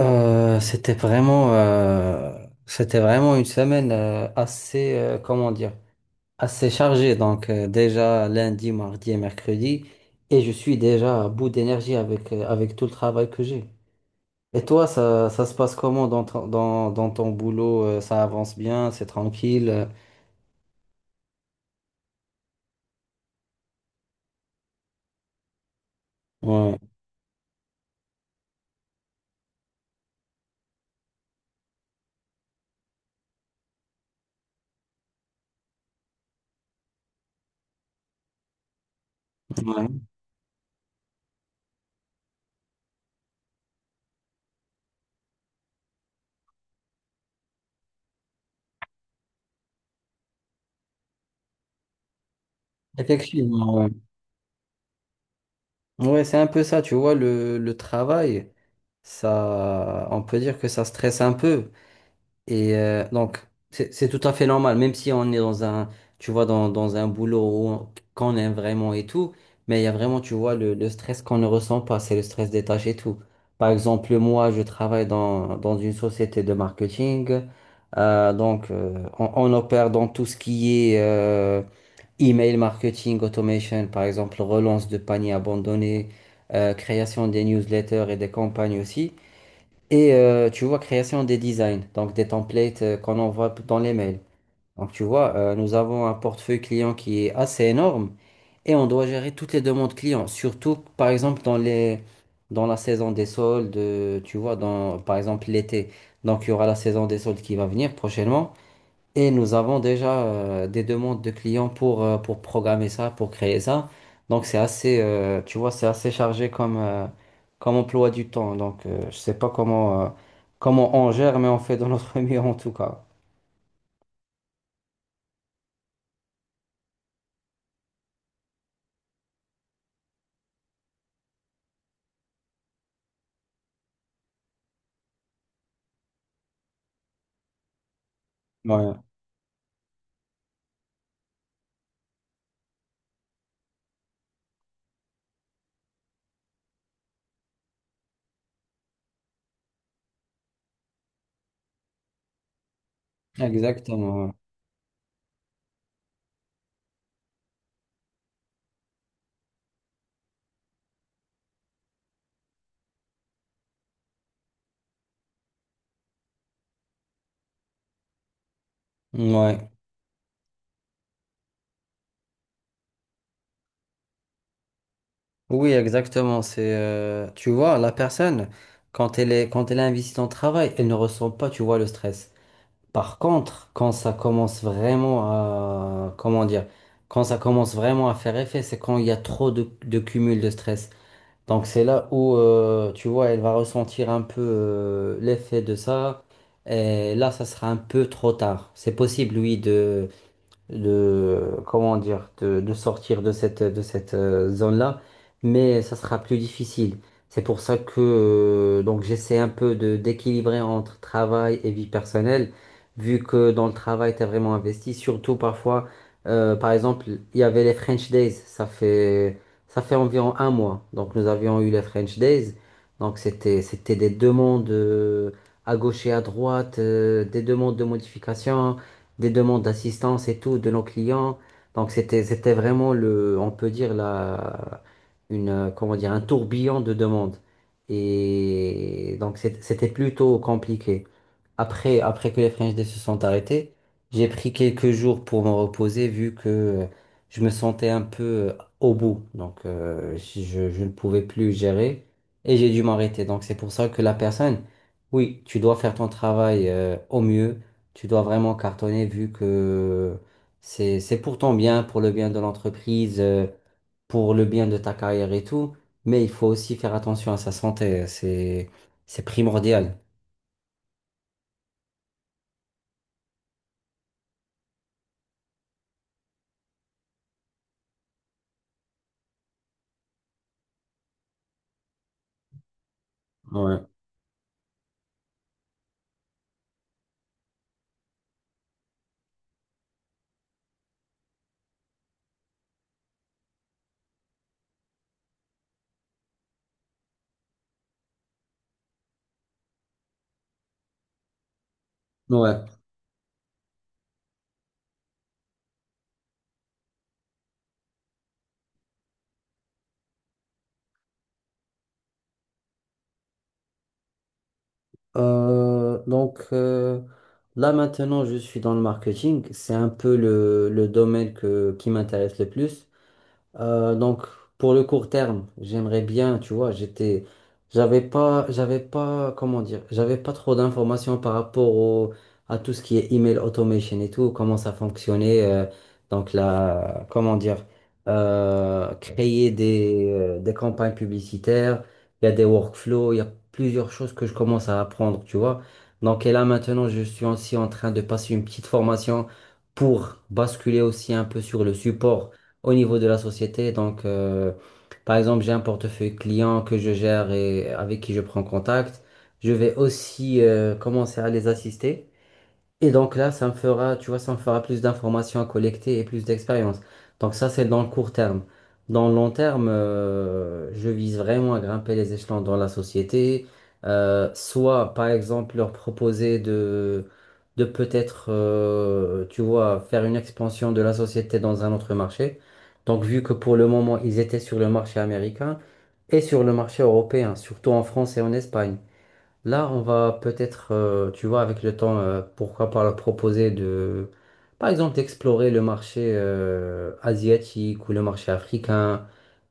C'était vraiment, c'était vraiment une semaine assez, comment dire, assez chargée. Déjà lundi, mardi et mercredi, et je suis déjà à bout d'énergie avec avec tout le travail que j'ai. Et toi, ça se passe comment dans dans ton boulot? Ça avance bien, c'est tranquille. Ouais, ouais. Effectivement, ouais. Ouais, c'est un peu ça, tu vois, le travail, ça, on peut dire que ça stresse un peu. Et donc, c'est tout à fait normal, même si on est dans un, tu vois, dans un boulot qu'on aime vraiment et tout, mais il y a vraiment, tu vois, le stress qu'on ne ressent pas, c'est le stress des tâches et tout. Par exemple, moi, je travaille dans une société de marketing, euh, donc euh, on opère dans tout ce qui est email marketing, automation, par exemple, relance de paniers abandonnés, création des newsletters et des campagnes aussi. Et tu vois, création des designs, donc des templates qu'on envoie dans les mails. Donc tu vois, nous avons un portefeuille client qui est assez énorme et on doit gérer toutes les demandes clients, surtout par exemple dans les, dans la saison des soldes, tu vois, dans, par exemple l'été. Donc il y aura la saison des soldes qui va venir prochainement. Et nous avons déjà des demandes de clients pour programmer ça, pour créer ça. Donc c'est assez, tu vois, c'est assez chargé comme, comme emploi du temps. Je sais pas comment, comment on gère, mais on fait de notre mieux en tout cas. Ouais, exactement. Ouais. Ouais. Oui, exactement. C'est, tu vois, la personne, quand elle est investie dans le travail, elle ne ressent pas, tu vois, le stress. Par contre, quand ça commence vraiment à, comment dire, quand ça commence vraiment à faire effet, c'est quand il y a trop de cumul de stress. Donc c'est là où, tu vois, elle va ressentir un peu l'effet de ça. Et là, ça sera un peu trop tard. C'est possible, oui, de comment dire de sortir de cette zone-là, mais ça sera plus difficile. C'est pour ça que donc j'essaie un peu de d'équilibrer entre travail et vie personnelle, vu que dans le travail t'es vraiment investi. Surtout parfois, par exemple, il y avait les French Days, ça fait environ un mois. Donc nous avions eu les French Days, donc c'était des demandes à gauche et à droite, des demandes de modification des demandes d'assistance et tout de nos clients. Donc c'était vraiment le, on peut dire la, une, comment dire, un tourbillon de demandes. Et donc c'était plutôt compliqué. Après, après que les French Day se sont arrêtés, j'ai pris quelques jours pour me reposer vu que je me sentais un peu euh, au bout. Donc, je ne pouvais plus gérer et j'ai dû m'arrêter. Donc, c'est pour ça que la personne, oui, tu dois faire ton travail au mieux. Tu dois vraiment cartonner vu que c'est pour ton bien, pour le bien de l'entreprise, pour le bien de ta carrière et tout. Mais il faut aussi faire attention à sa santé. C'est primordial. Ouais, ouais. Euh, donc euh, Là maintenant je suis dans le marketing, c'est un peu le domaine que, qui m'intéresse le plus. Euh, donc, pour le court terme, j'aimerais bien, tu vois, j'étais, j'avais pas, comment dire, j'avais pas trop d'informations par rapport au, à tout ce qui est email automation et tout, comment ça fonctionnait. Donc là, comment dire, créer des campagnes publicitaires, il y a des workflows, il y a plusieurs choses que je commence à apprendre, tu vois. Donc, et là, maintenant, je suis aussi en train de passer une petite formation pour basculer aussi un peu sur le support au niveau de la société. Donc, par exemple, j'ai un portefeuille client que je gère et avec qui je prends contact. Je vais aussi commencer à les assister. Et donc là, ça me fera, tu vois, ça me fera plus d'informations à collecter et plus d'expérience. Donc ça, c'est dans le court terme. Dans le long terme, je vise vraiment à grimper les échelons dans la société. Soit, par exemple, leur proposer de peut-être, tu vois, faire une expansion de la société dans un autre marché. Donc, vu que pour le moment, ils étaient sur le marché américain et sur le marché européen, surtout en France et en Espagne. Là, on va peut-être, tu vois, avec le temps, pourquoi pas leur proposer de, par exemple, d'explorer le marché asiatique ou le marché africain.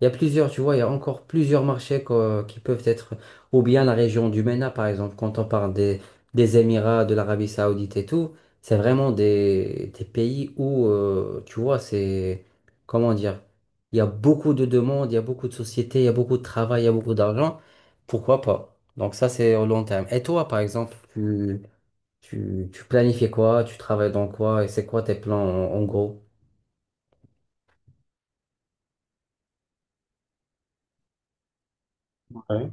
Il y a plusieurs, tu vois, il y a encore plusieurs marchés qui peuvent être, ou bien la région du MENA, par exemple, quand on parle des Émirats, de l'Arabie Saoudite et tout, c'est vraiment des pays où, tu vois, c'est, comment dire, il y a beaucoup de demandes, il y a beaucoup de sociétés, il y a beaucoup de travail, il y a beaucoup d'argent. Pourquoi pas? Donc ça, c'est au long terme. Et toi, par exemple, tu planifies quoi? Tu travailles dans quoi? Et c'est quoi tes plans en, en gros? Ouais.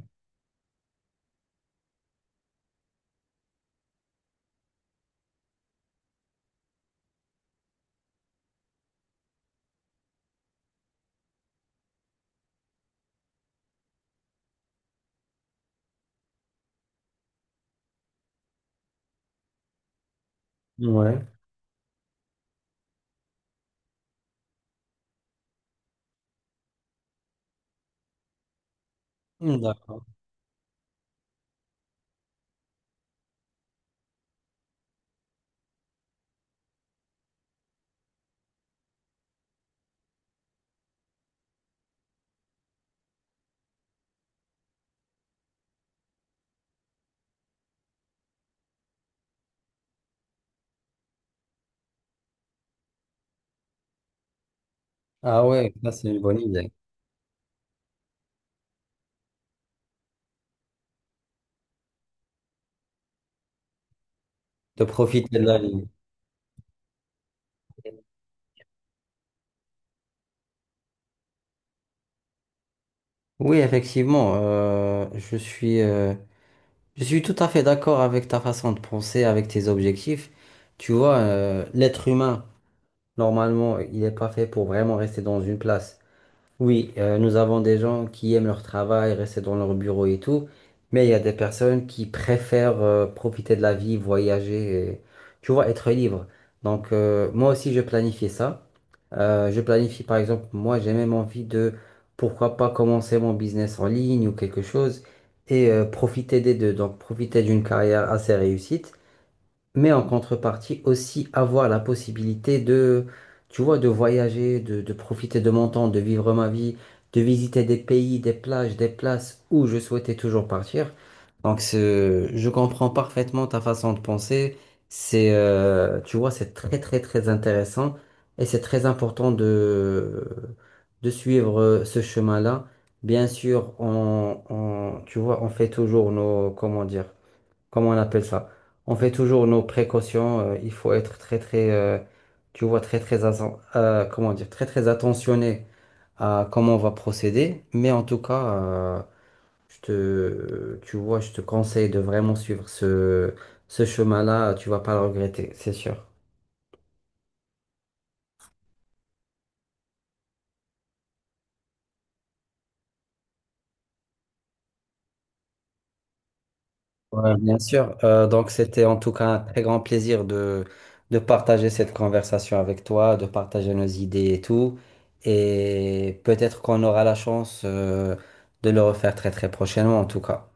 Ouais. Hmm, d'accord. Ah ouais, ça c'est une bonne idée. De profiter de la vie. Oui, effectivement, je suis tout à fait d'accord avec ta façon de penser, avec tes objectifs. Tu vois, l'être humain, normalement, il n'est pas fait pour vraiment rester dans une place. Oui, nous avons des gens qui aiment leur travail, rester dans leur bureau et tout, mais il y a des personnes qui préfèrent profiter de la vie, voyager, et, tu vois, être libre. Moi aussi, je planifie ça. Je planifie par exemple, moi j'ai même envie de, pourquoi pas commencer mon business en ligne ou quelque chose et profiter des deux. Donc profiter d'une carrière assez réussie mais en contrepartie aussi avoir la possibilité de, tu vois, de voyager, de profiter de mon temps, de vivre ma vie, de visiter des pays, des plages, des places où je souhaitais toujours partir. Donc, je comprends parfaitement ta façon de penser. C'est, tu vois, c'est très, très, très intéressant et c'est très important de suivre ce chemin-là. Bien sûr, tu vois, on fait toujours nos, comment dire, comment on appelle ça? On fait toujours nos précautions. Il faut être très très, tu vois, comment dire, très très attentionné à comment on va procéder. Mais en tout cas, je te, tu vois, je te conseille de vraiment suivre ce chemin-là. Tu vas pas le regretter, c'est sûr. Ouais, bien sûr. C'était en tout cas un très grand plaisir de partager cette conversation avec toi, de partager nos idées et tout. Et peut-être qu'on aura la chance, de le refaire très très prochainement en tout cas.